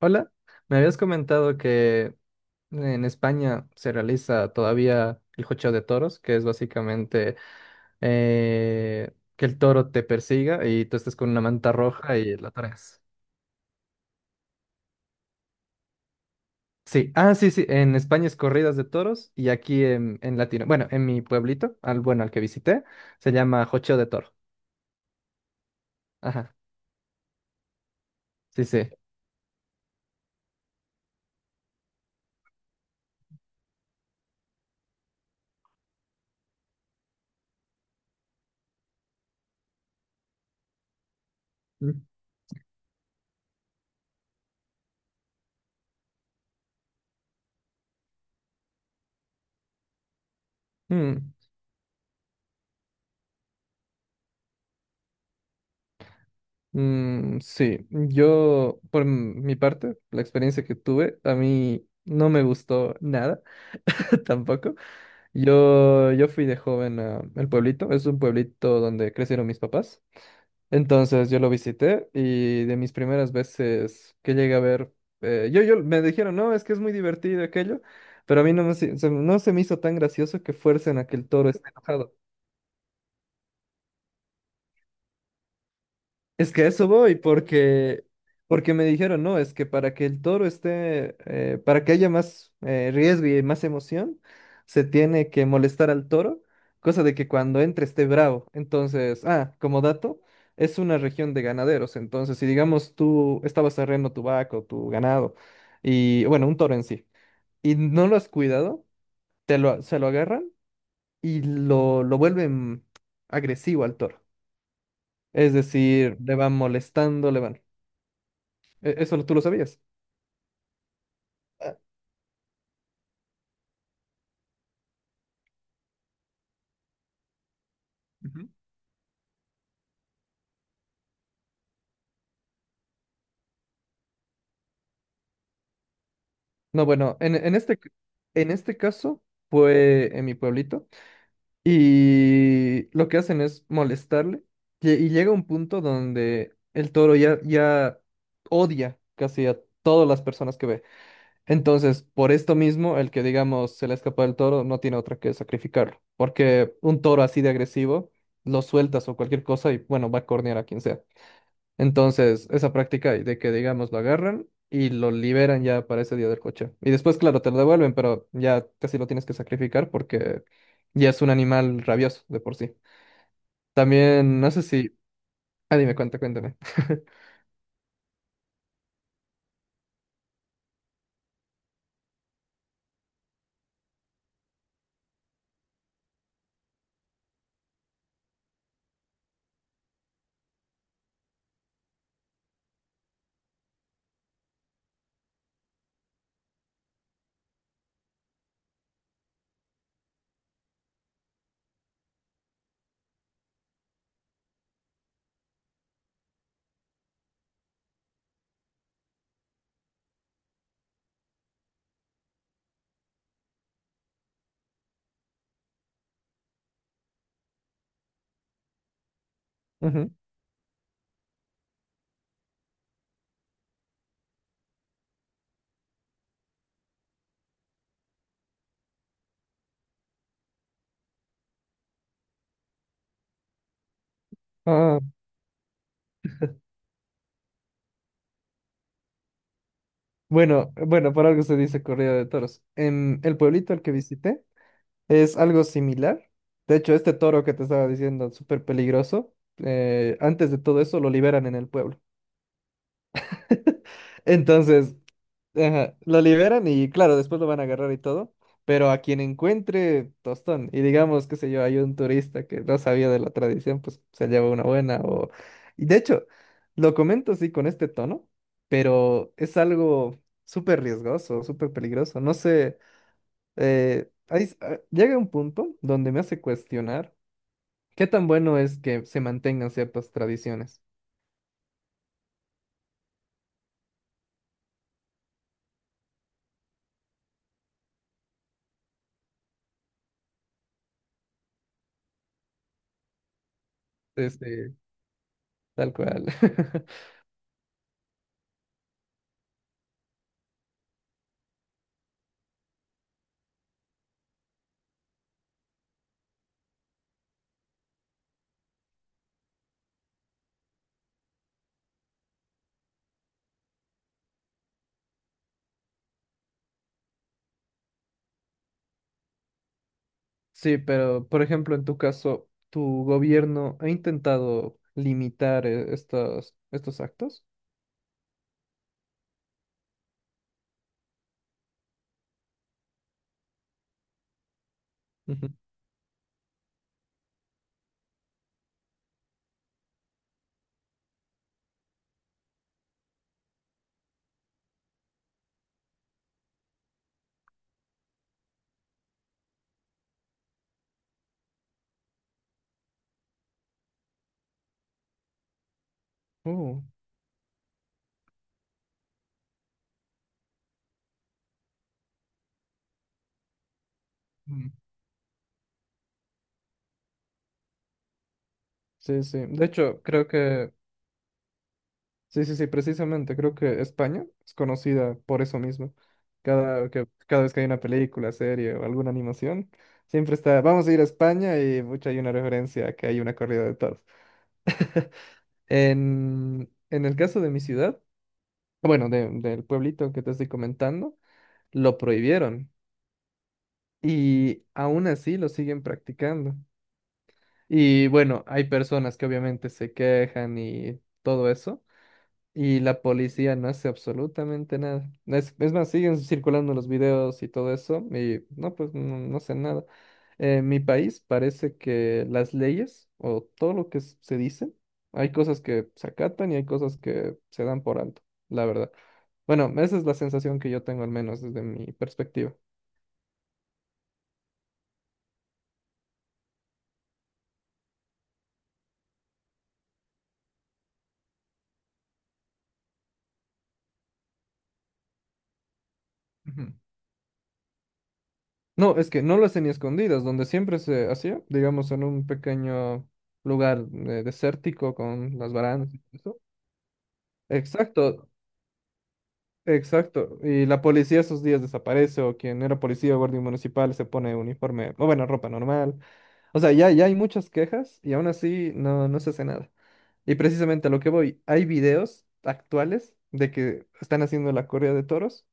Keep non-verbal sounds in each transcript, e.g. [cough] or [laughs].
Hola, me habías comentado que en España se realiza todavía el jocheo de toros, que es básicamente que el toro te persiga y tú estés con una manta roja y lo toreas. Sí, ah, sí, sí, en España es corridas de toros y aquí en Latino, bueno, en mi pueblito, al bueno, al que visité, se llama jocheo de toro. Ajá, sí, sí. Mm, mm, sí, yo por m- mi parte, la experiencia que tuve, a mí no me gustó nada. Tampoco. Yo fui de joven a el pueblito. Es un pueblito donde crecieron mis papás. Entonces yo lo visité y de mis primeras veces que llegué a ver, yo me dijeron, no, es que es muy divertido aquello, pero a mí no me, se- no se me hizo tan gracioso que fuercen a que el toro esté enojado. Es que a eso voy, porque me dijeron, no, es que para que el toro esté, para que haya más riesgo y más emoción, se tiene que molestar al toro, cosa de que cuando entre esté bravo. Entonces, como dato, es una región de ganaderos. Entonces, si digamos tú estabas arreando tu vaca o tu ganado, y bueno, un toro en sí, y no lo has cuidado, te lo, se lo agarran y lo vuelven agresivo al toro. Es decir, le van molestando, le van E- Eso lo- tú lo sabías. Ah, Ujú. No, bueno, en este, c- en este caso fue en mi pueblito y lo que hacen es molestarle y llega un punto donde el toro ya, ya odia casi a todas las personas que ve. Entonces, por esto mismo, el que digamos se le escapa el toro no tiene otra que sacrificarlo, porque un toro así de agresivo lo sueltas o cualquier cosa y bueno, va a cornear a quien sea. Entonces, esa práctica de que, digamos, lo agarran y lo liberan ya para ese día del coche. Y después, claro, te lo devuelven, pero ya casi lo tienes que sacrificar porque ya es un animal rabioso de por sí. También, no sé si... Ah, dime, cuenta, cuéntame. [laughs] Ujú. Ah, bueno, bueno, por algo se dice corrida de toros. En el pueblito al que visité es algo similar. De hecho, este toro que te estaba diciendo, súper peligroso, antes de todo eso lo liberan en el pueblo. [laughs] Entonces, Ajá, lo liberan y claro, después lo van a agarrar y todo, pero a quien encuentre tostón, y digamos, qué sé yo, hay un turista que no sabía de la tradición, pues se lleva una buena o... Y de hecho, lo comento así con este tono, pero es algo súper riesgoso, súper peligroso. No sé, hay s- llega un punto donde me hace cuestionar qué tan bueno es que se mantengan ciertas tradiciones. Este, tal cual. [laughs] Sí, pero por ejemplo, en tu caso, ¿tu gobierno ha intentado limitar estos actos? Ujú. Uh, mm. Sí, sí. De hecho, creo que, sí, sí, sí, precisamente, creo que España es conocida por eso mismo. Cada, que, cada vez que hay una película, serie o alguna animación, siempre está, vamos a ir a España y mucha hay una referencia a que hay una corrida de toros. En el caso de mi ciudad, bueno, de- del pueblito que te estoy comentando, lo prohibieron. Y aún así lo siguen practicando. Y bueno, hay personas que obviamente se quejan y todo eso, y la policía no hace absolutamente nada. Es más, siguen circulando los videos y todo eso, y no, pues no, no hacen nada. En mi país parece que las leyes o todo lo que s- se dice, hay cosas que se acatan y hay cosas que se dan por alto, la verdad. Bueno, esa es la sensación que yo tengo al menos desde mi perspectiva. Ujú. No, es que no lo hacen ni escondidas, donde siempre se hacía, digamos, en un pequeño lugar desértico con las Ah, barandas sí, y eso. Exacto, exacto. Y la policía esos días desaparece, o quien era policía o guardia municipal se pone uniforme, o bueno, ropa normal. O sea, ya, ya hay muchas quejas y aún así no, no se hace nada. Y precisamente a lo que voy, hay videos actuales de que están haciendo la corrida de toros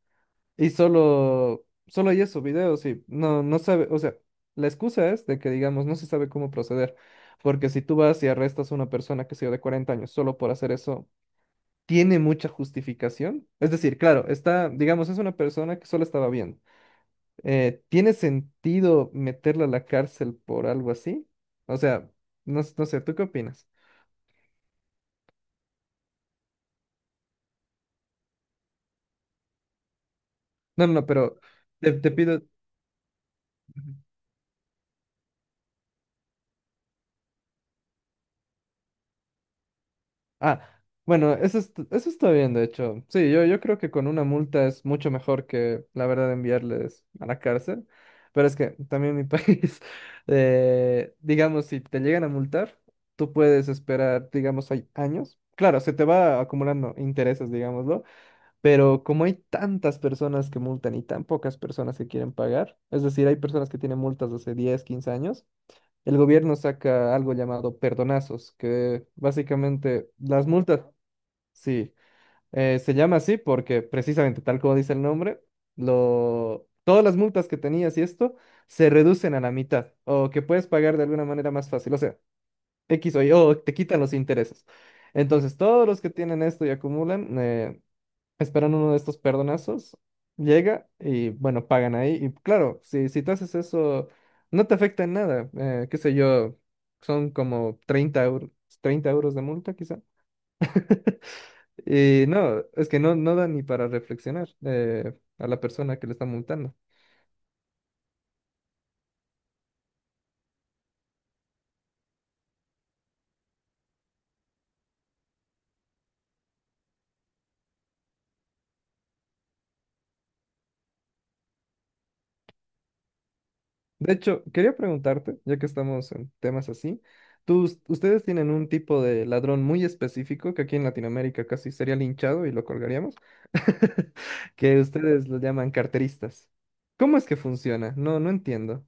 y solo, solo hay esos videos y no, no sabe, o sea, la excusa es de que, digamos, no se sabe cómo proceder, porque si tú vas y arrestas a una persona que sea de 40 años solo por hacer eso, ¿tiene mucha justificación? Es decir, claro, está, digamos, es una persona que solo estaba viendo. ¿Tiene sentido meterla a la cárcel por algo así? O sea, no, s- no sé, ¿tú qué opinas? No, no, no, pero te pido... Ah, bueno, eso, est- eso está bien, de hecho. Sí, yo creo que con una multa es mucho mejor que, la verdad, enviarles a la cárcel. Pero es que también mi [laughs] país, digamos, si te llegan a multar, tú puedes esperar, digamos, hay años. Claro, se te va acumulando intereses, digámoslo, pero como hay tantas personas que multan y tan pocas personas que quieren pagar, es decir, hay personas que tienen multas de hace 10, 15 años, el gobierno saca algo llamado perdonazos, que básicamente las multas, sí, se llama así porque precisamente tal como dice el nombre, lo, todas las multas que tenías y esto se reducen a la mitad o que puedes pagar de alguna manera más fácil, o sea, X o Y, o te quitan los intereses. Entonces, todos los que tienen esto y acumulan, esperan uno de estos perdonazos, llega y bueno, pagan ahí. Y claro, si, si tú haces eso, no te afecta en nada. Qué sé yo, son como 30 euros, 30 euros de multa quizá. [laughs] Y no, es que no, no da ni para reflexionar a la persona que le está multando. De hecho, quería preguntarte, ya que estamos en temas así, ¿tus- ustedes tienen un tipo de ladrón muy específico que aquí en Latinoamérica casi sería linchado y lo colgaríamos, [laughs] que ustedes lo llaman carteristas? ¿Cómo es que funciona? No, no entiendo.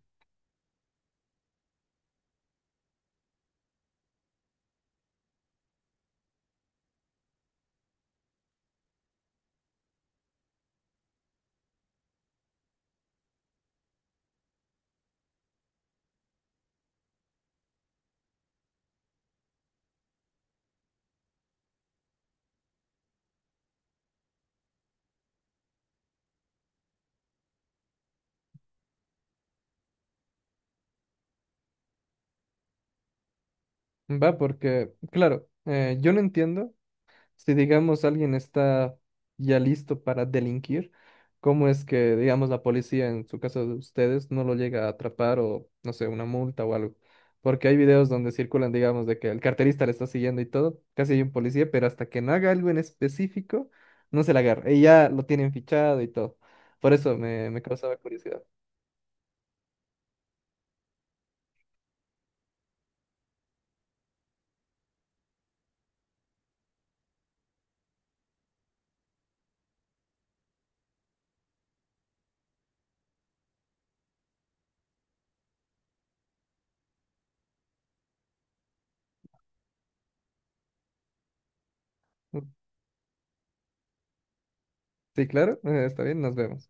Va, porque, claro, yo no entiendo si digamos alguien está ya listo para delinquir, ¿cómo es que, digamos, la policía, en su caso de ustedes, no lo llega a atrapar o, no sé, una multa o algo? Porque hay videos donde circulan, digamos, de que el carterista le está siguiendo y todo, casi hay un policía, pero hasta que no haga algo en específico, no se la agarra. Y ya lo tienen fichado y todo. Por eso me, me causaba curiosidad. Mm. Sí, claro, está bien, nos vemos.